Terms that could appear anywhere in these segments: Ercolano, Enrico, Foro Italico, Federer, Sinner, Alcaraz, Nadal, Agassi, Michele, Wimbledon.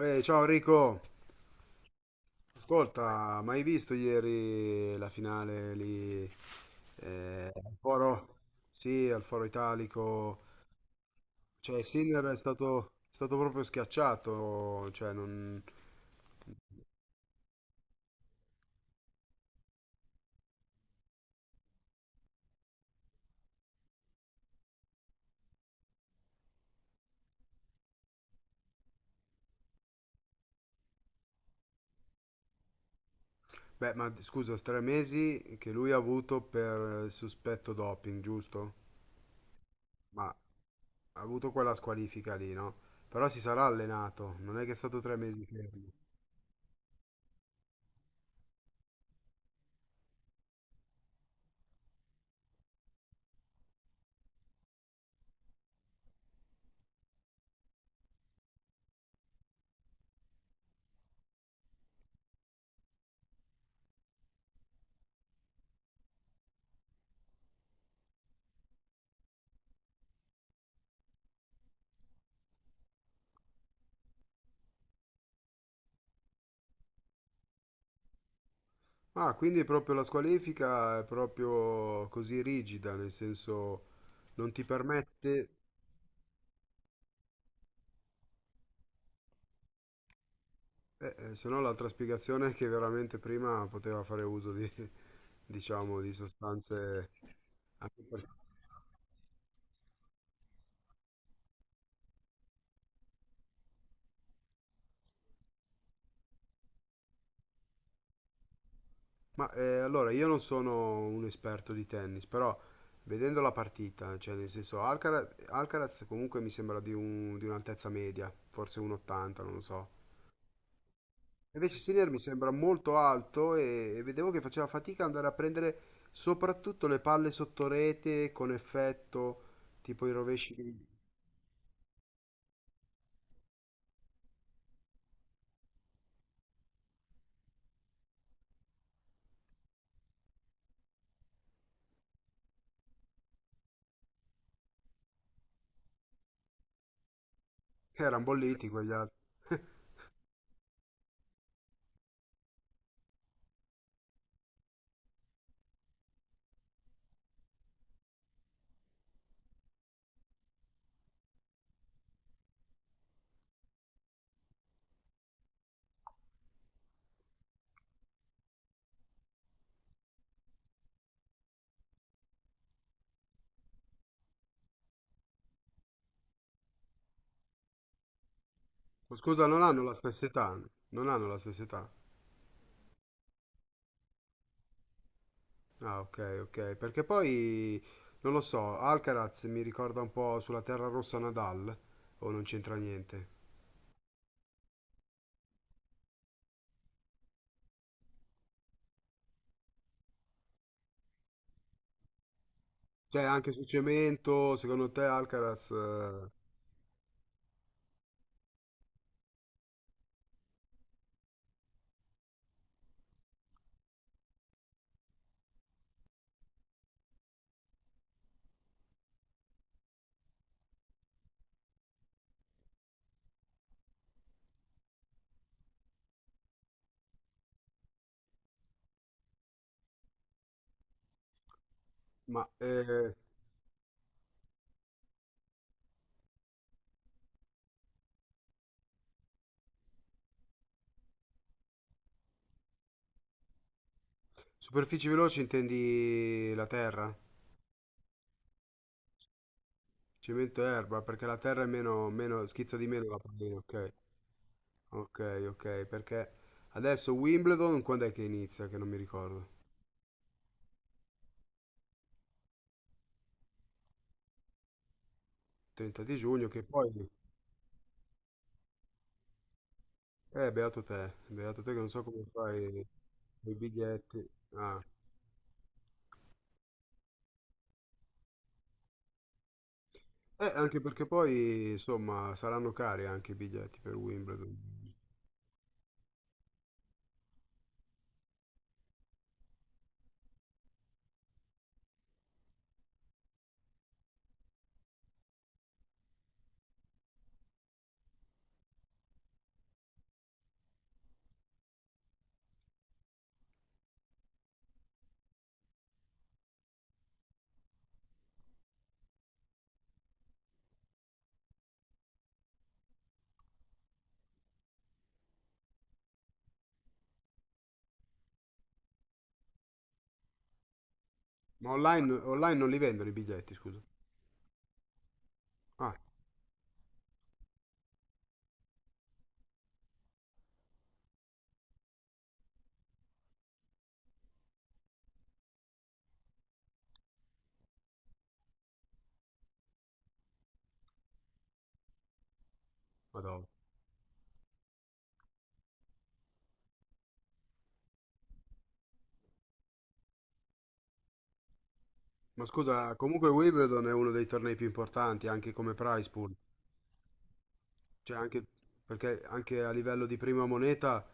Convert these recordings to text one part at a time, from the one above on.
Ciao Enrico, ascolta, ma hai visto ieri la finale lì al Foro? Sì, al Foro Italico. Cioè, Sinner è stato proprio schiacciato. Cioè, non... Beh, ma scusa, 3 mesi che lui ha avuto per sospetto doping, giusto? Ma ha avuto quella squalifica lì, no? Però si sarà allenato, non è che è stato 3 mesi fermo. Ah, quindi proprio la squalifica è proprio così rigida, nel senso non ti permette, se no l'altra spiegazione è che veramente prima poteva fare uso di, diciamo, di sostanze... anche per- Ma allora io non sono un esperto di tennis, però vedendo la partita, cioè nel senso Alcaraz, comunque mi sembra di un'altezza media, forse 1,80, non lo so. Invece Senior mi sembra molto alto e vedevo che faceva fatica ad andare a prendere soprattutto le palle sotto rete con effetto, tipo i rovesci di... che erano bolliti quegli altri. Oh, scusa, non hanno la stessa età. Non hanno la stessa età. Ah, ok, ok. Perché poi, non lo so, Alcaraz mi ricorda un po' sulla terra rossa Nadal, o non c'entra niente. Cioè, anche su cemento, secondo te Alcaraz... ma superfici veloci intendi la terra? Cemento e erba, perché la terra è meno, meno, schizza di meno la pallina, ok. Ok, ok, perché adesso Wimbledon quando è che inizia? Che non mi ricordo. 30 di giugno, che poi... beato te che non so come fai i biglietti. Ah. Anche perché poi, insomma, saranno cari anche i biglietti per Wimbledon. Ma online, online non li vendono i biglietti, scusa. Ah, madonna. Ma scusa, comunque Wimbledon è uno dei tornei più importanti, anche come prize pool. Cioè anche, perché anche a livello di prima moneta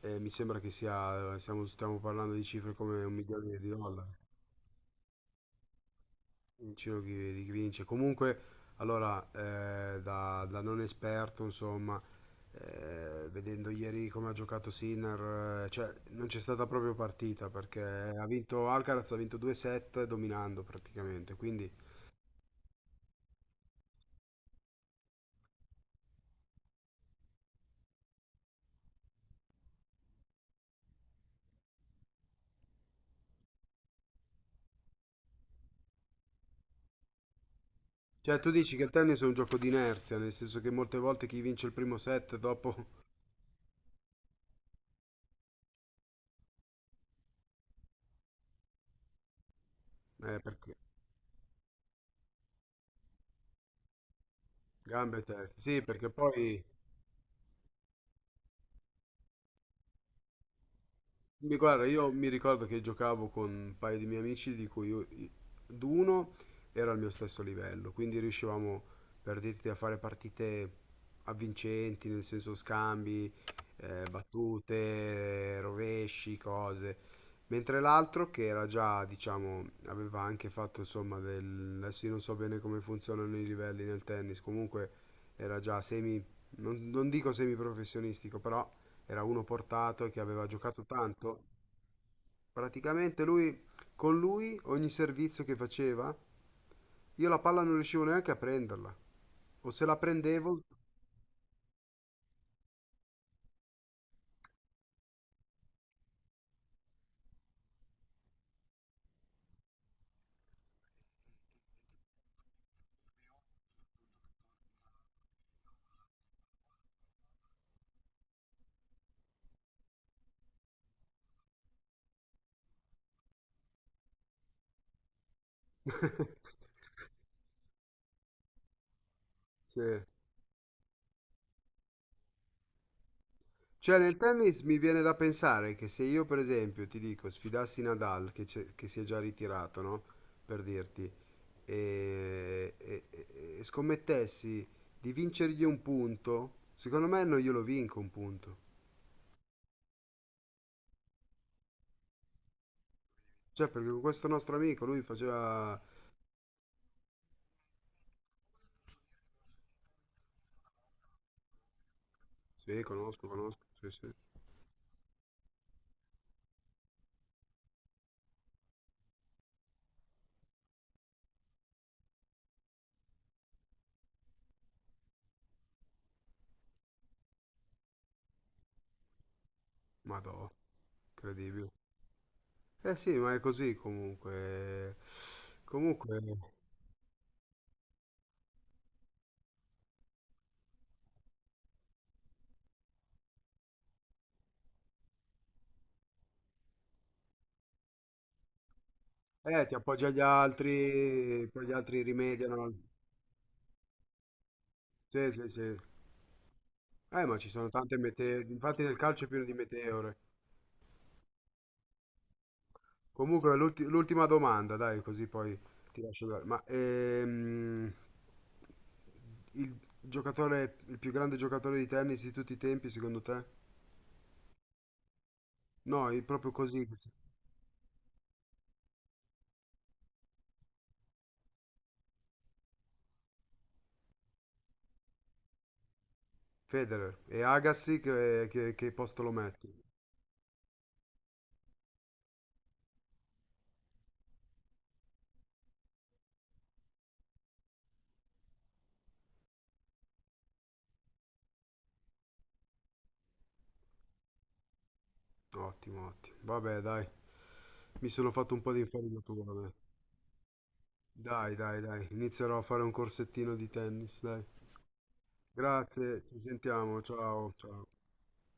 mi sembra che sia, stiamo parlando di cifre come un milione di dollari, in giro chi, di chi vince. Comunque, allora, da, non esperto, insomma, vedendo ieri come ha giocato Sinner, cioè non c'è stata proprio partita perché ha vinto Alcaraz, ha vinto 2-7 dominando praticamente, quindi... Cioè, tu dici che il tennis è un gioco di inerzia, nel senso che molte volte chi vince il primo set dopo... perché- Gambe e testa, sì, perché poi, mi- guarda, io mi ricordo che giocavo con un paio di miei amici di cui d'uno era al mio stesso livello, quindi riuscivamo, per dirti, a fare partite avvincenti, nel senso scambi, battute, rovesci, cose, mentre l'altro che era già, diciamo, aveva anche fatto, insomma, del... adesso io non so bene come funzionano i livelli nel tennis, comunque era già semi, non dico semiprofessionistico, però era uno portato che aveva giocato tanto. Praticamente lui, con lui, ogni servizio che faceva, io la palla non riuscivo neanche a prenderla. O se la prendevo... Sì. Cioè nel tennis mi viene da pensare che se io per esempio ti dico sfidassi Nadal che si è già ritirato, no? Per dirti, e scommettessi di vincergli un punto, secondo me non glielo vinco un punto. Cioè perché con questo nostro amico lui faceva Sì, conosco, conosco, sì, sì. Madò, incredibile. Eh sì, ma è così comunque. Comunque, ti appoggi agli altri, poi gli altri rimediano. Sì, sì, sì. Ma ci sono tante meteore. Infatti nel calcio è pieno di meteore. Comunque, l'ultima domanda, dai, così poi ti lascio andare. Ma il giocatore, il più grande giocatore di tennis di tutti i tempi, secondo te? No, è proprio così. Federer e Agassi che posto lo metti? Ottimo, ottimo. Vabbè, dai, mi sono fatto un po' di infarinatura. Vabbè. Dai, dai, dai, inizierò a fare un corsettino di tennis, dai. Grazie, ci sentiamo, ciao, ciao.